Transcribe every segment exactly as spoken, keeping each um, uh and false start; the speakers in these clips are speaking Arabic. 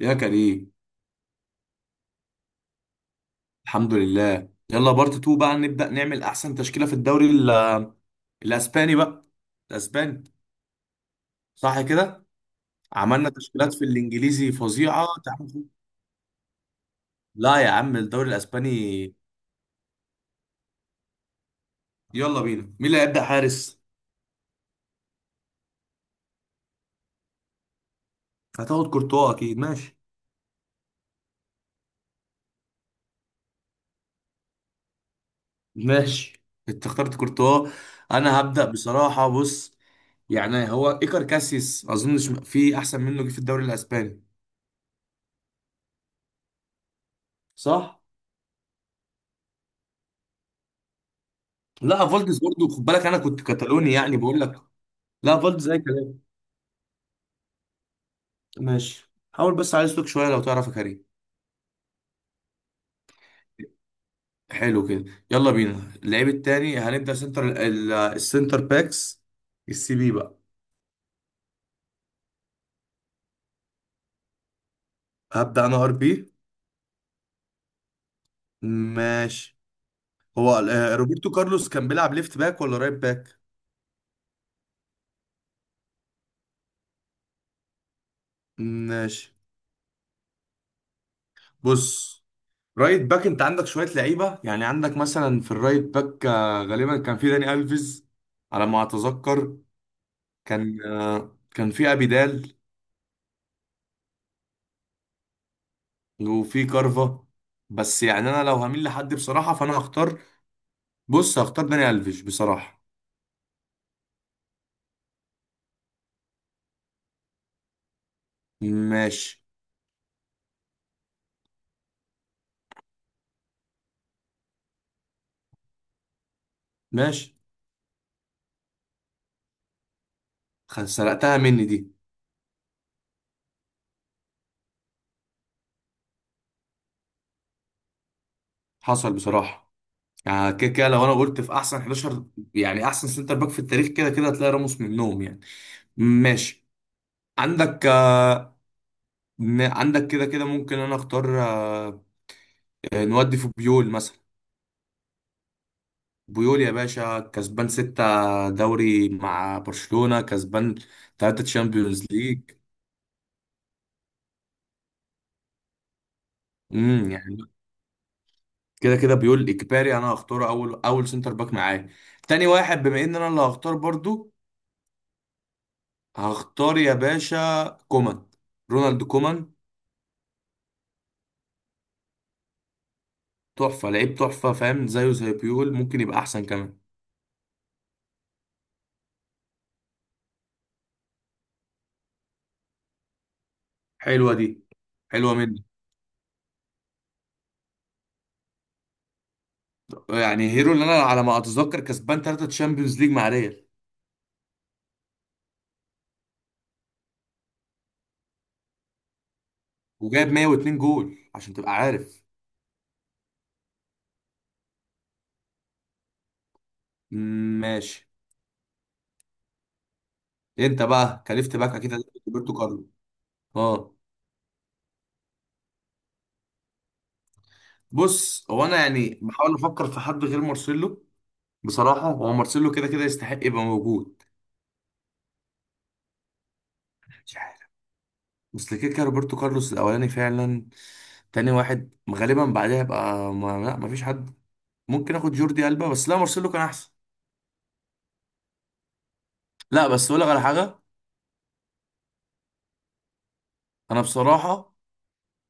يا كريم، الحمد لله. يلا بارت اتنين بقى نبدأ نعمل احسن تشكيلة في الدوري ال- الاسباني بقى. الاسباني صح كده. عملنا تشكيلات في الانجليزي فظيعة. تعال- لا يا عم، الدوري الاسباني. يلا بينا، مين اللي هيبدأ حارس؟ هتاخد كورتوا اكيد. ماشي ماشي، انت اخترت كورتوا. انا هبدأ بصراحة، بص يعني هو ايكر كاسيس اظنش في احسن منه جه في الدوري الاسباني، صح؟ لا فولدز برضو، خد بالك انا كنت كتالوني يعني بقول لك. لا فولت زي كلام. ماشي، حاول بس على اسلوك شويه لو تعرف يا كريم. حلو كده. يلا بينا اللعيب التاني، هنبدا سنتر ال- السنتر باكس، السي بي بقى. هبدا انا ار بي. ماشي. هو آه، روبرتو كارلوس كان بيلعب ليفت باك ولا رايت باك؟ ماشي. بص، رايت باك انت عندك شويه لعيبه. يعني عندك مثلا في الرايت باك آه، غالبا كان في داني الفيز على ما اتذكر. كان آه، كان في ابيدال، وفي كارفا. بس يعني انا لو هميل لحد بصراحه، فانا هختار، بص، هختار داني الفيش بصراحه. ماشي. ماشي. خ- سرقتها مني دي. حصل بصراحه. يعني كده كده لو انا قلت في احسن احد عشر، يعني احسن سنتر باك في التاريخ كده كده هتلاقي راموس منهم يعني. ماشي. عندك آه، م- عندك كده كده ممكن انا اختار آه، آه، نودي في بيول مثلا. بيول يا باشا، كسبان ستة دوري مع برشلونة، كسبان تلاتة تشامبيونز ليج. امم يعني كده كده بيقول اجباري انا هختار اول اول سنتر باك معايا. تاني واحد بما ان انا اللي هختار برضو، هختار يا باشا كومان، رونالد كومان. تحفة لعيب، تحفة، فاهم؟ زيه زي بيول، ممكن يبقى احسن كمان. حلوة دي. حلوة مني. يعني هيرو اللي انا على ما اتذكر كسبان ثلاثة تشامبيونز ليج مع ريال، وجايب مية واتنين جول عشان تبقى عارف. مم، ماشي. انت بقى كلفت باك اكيد هتبقى روبرتو كارلو. اه. بص هو انا يعني بحاول افكر في حد غير مارسيلو. بصراحة هو مارسيلو كده كده يستحق يبقى موجود. مش عارف. بس كده كده روبرتو كارلوس الأولاني فعلا. تاني واحد غالبا بعدها يبقى ما... لا مفيش حد. ممكن آخد جوردي ألبا، بس لا مارسيلو كان أحسن. لا بس أقول لك على حاجة. أنا بصراحة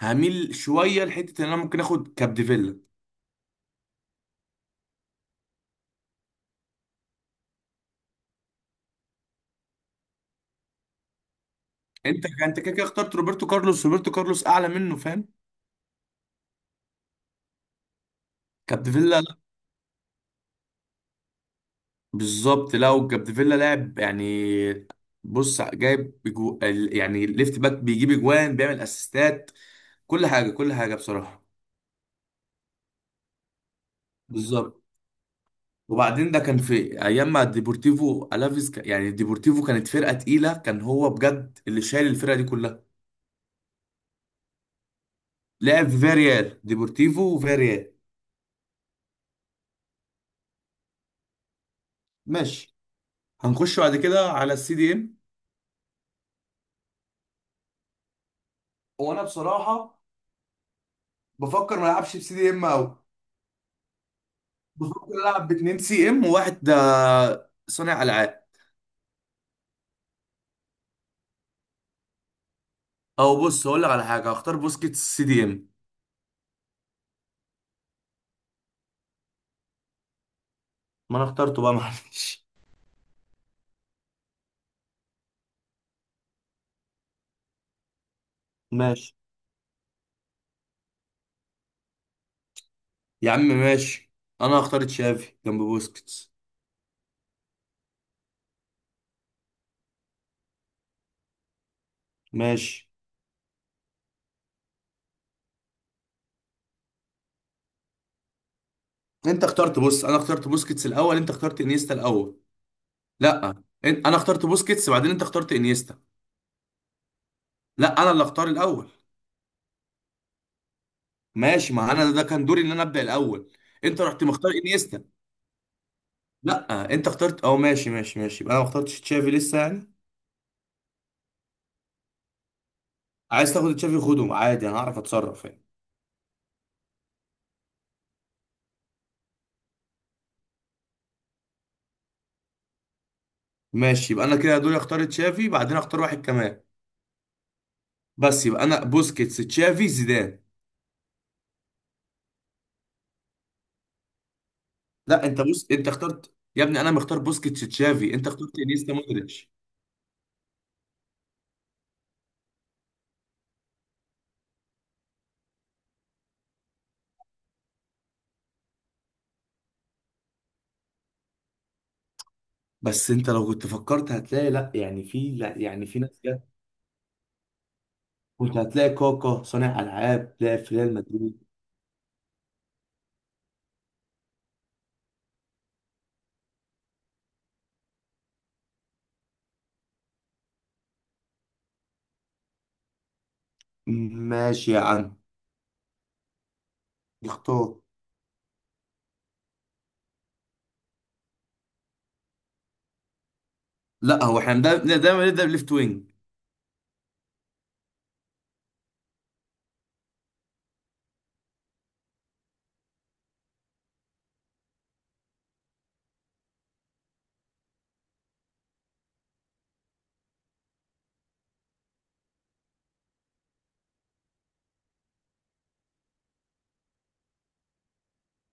هميل شوية لحتة إن أنا ممكن آخد كابديفيلا. أنت أنت كده كده اخترت روبرتو كارلوس، روبرتو كارلوس أعلى منه فاهم. كابديفيلا، لا. بالظبط، لا، وكابديفيلا لاعب يعني. بص جايب بجو... ال- يعني ليفت باك بيجيب اجوان، بيعمل اسيستات، كل حاجه كل حاجه بصراحه. بالظبط. وبعدين ده كان في ايام ما ديبورتيفو الافيز ك... يعني ديبورتيفو كانت فرقه تقيله، كان هو بجد اللي شايل الفرقه دي كلها. لعب في فياريال، ديبورتيفو وفياريال. ماشي. هنخش بعد كده على السي دي ام. وانا بصراحه بفكر ما العبش بسي دي ام قوي. بفكر العب باتنين سي ام وواحد ده صانع العاب. او بص هقول لك على حاجه، هختار بوسكيتس سي دي ام. ما انا اخترته بقى، معلش. ماشي يا عم، ماشي. انا هختار تشافي جنب بوسكيتس. ماشي. انت اخترت، بص انا اخترت بوسكيتس الاول، انت اخترت انيستا الاول. لا، ان- انا اخترت بوسكيتس بعدين انت اخترت انيستا. لا انا اللي اختار الاول. ماشي، ما انا ده كان دوري ان انا ابدا الاول. انت رحت مختار انيستا. لا انت اخترت، اه ماشي ماشي ماشي، يبقى انا ما اخترتش تشافي لسه يعني. عايز تاخد تشافي خده عادي، انا هعرف اتصرف يعني. ماشي، يبقى انا كده دوري، اختار تشافي بعدين اختار واحد كمان. بس يبقى انا بوسكيتس تشافي زيدان. لا انت بص، انت اخترت يا ابني، انا مختار بوسكيتس تشافي، انت اخترت انيستا مودريتش. بس انت لو كنت فكرت هتلاقي لا يعني في، لا يعني في ناس جت. كنت هتلاقي كاكا صانع العاب تلاقي في ريال مدريد. ماشي يا عم، اختار. لا هو احنا دا- دا- دايما نبدا بليفت وينج.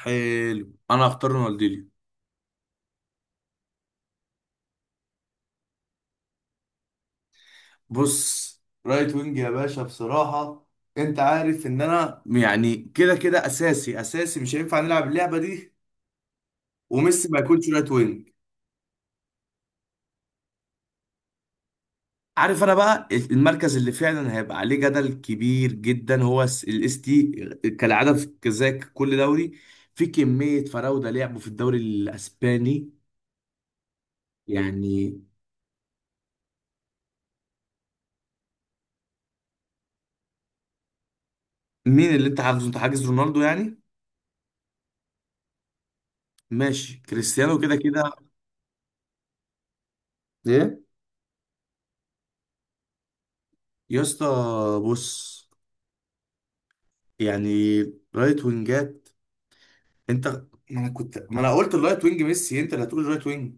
حلو، انا هختار رونالدينيو. بص رايت وينج يا باشا بصراحه، انت عارف ان انا يعني كده كده اساسي اساسي مش هينفع نلعب اللعبه دي وميسي ما يكونش رايت وينج. عارف انا بقى المركز اللي فعلا هيبقى عليه جدل كبير جدا هو الاس تي، كالعاده في زي كل دوري في كميه فراوده لعبوا في الدوري الاسباني. يعني مين اللي انت حاجزه؟ انت حاجز رونالدو يعني. ماشي كريستيانو كده كده. ايه؟ يا اسطى بص، يعني رايت وينجات. انت، ما انا كنت ما انا قلت الرايت وينج ميسي، انت اللي هتقول رايت وينج.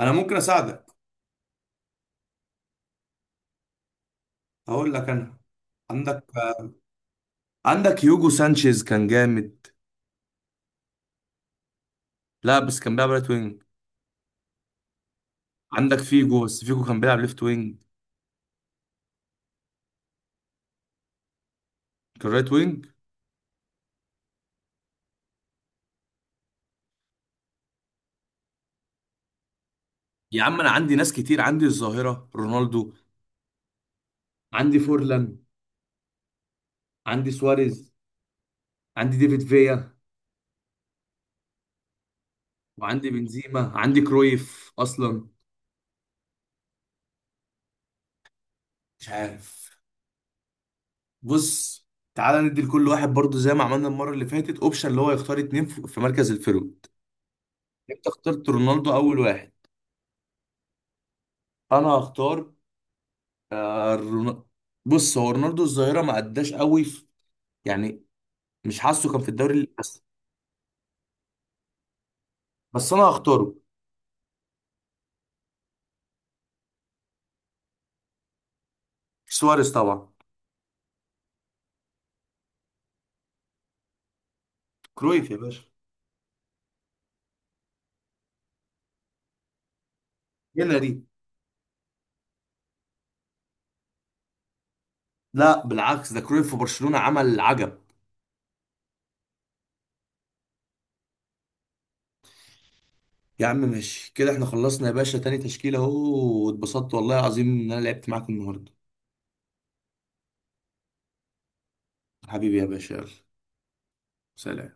انا ممكن اساعدك. اقول لك انا. عندك، عندك يوجو سانشيز كان جامد. لا بس كان بيلعب رايت وينج. عندك فيجو، بس فيجو كان بيلعب ليفت وينج. كان رايت وينج. يا عم انا عندي ناس كتير. عندي الظاهرة رونالدو، عندي فورلان، عندي سواريز، عندي ديفيد فيا، وعندي بنزيما، عندي كرويف اصلا. مش عارف. بص، تعالى ندي لكل واحد برضو زي ما عملنا المرة اللي فاتت اوبشن اللي هو يختار اتنين في في مركز الفيرود. انت اخترت رونالدو اول واحد. انا هختار آه، رون- بص هو رونالدو الظاهرة ما اداش قوي في، يعني مش حاسه كان في الدوري الاسباني. بس انا هختاره. سواريز طبعا. كرويف يا باشا. هنا دي. لا بالعكس، ده كرويف في برشلونة عمل عجب. يا عم ماشي كده احنا خلصنا يا باشا، تاني تشكيلة اهو، واتبسطت والله العظيم ان انا لعبت معاك النهارده. حبيبي يا باشا، يلا. سلام.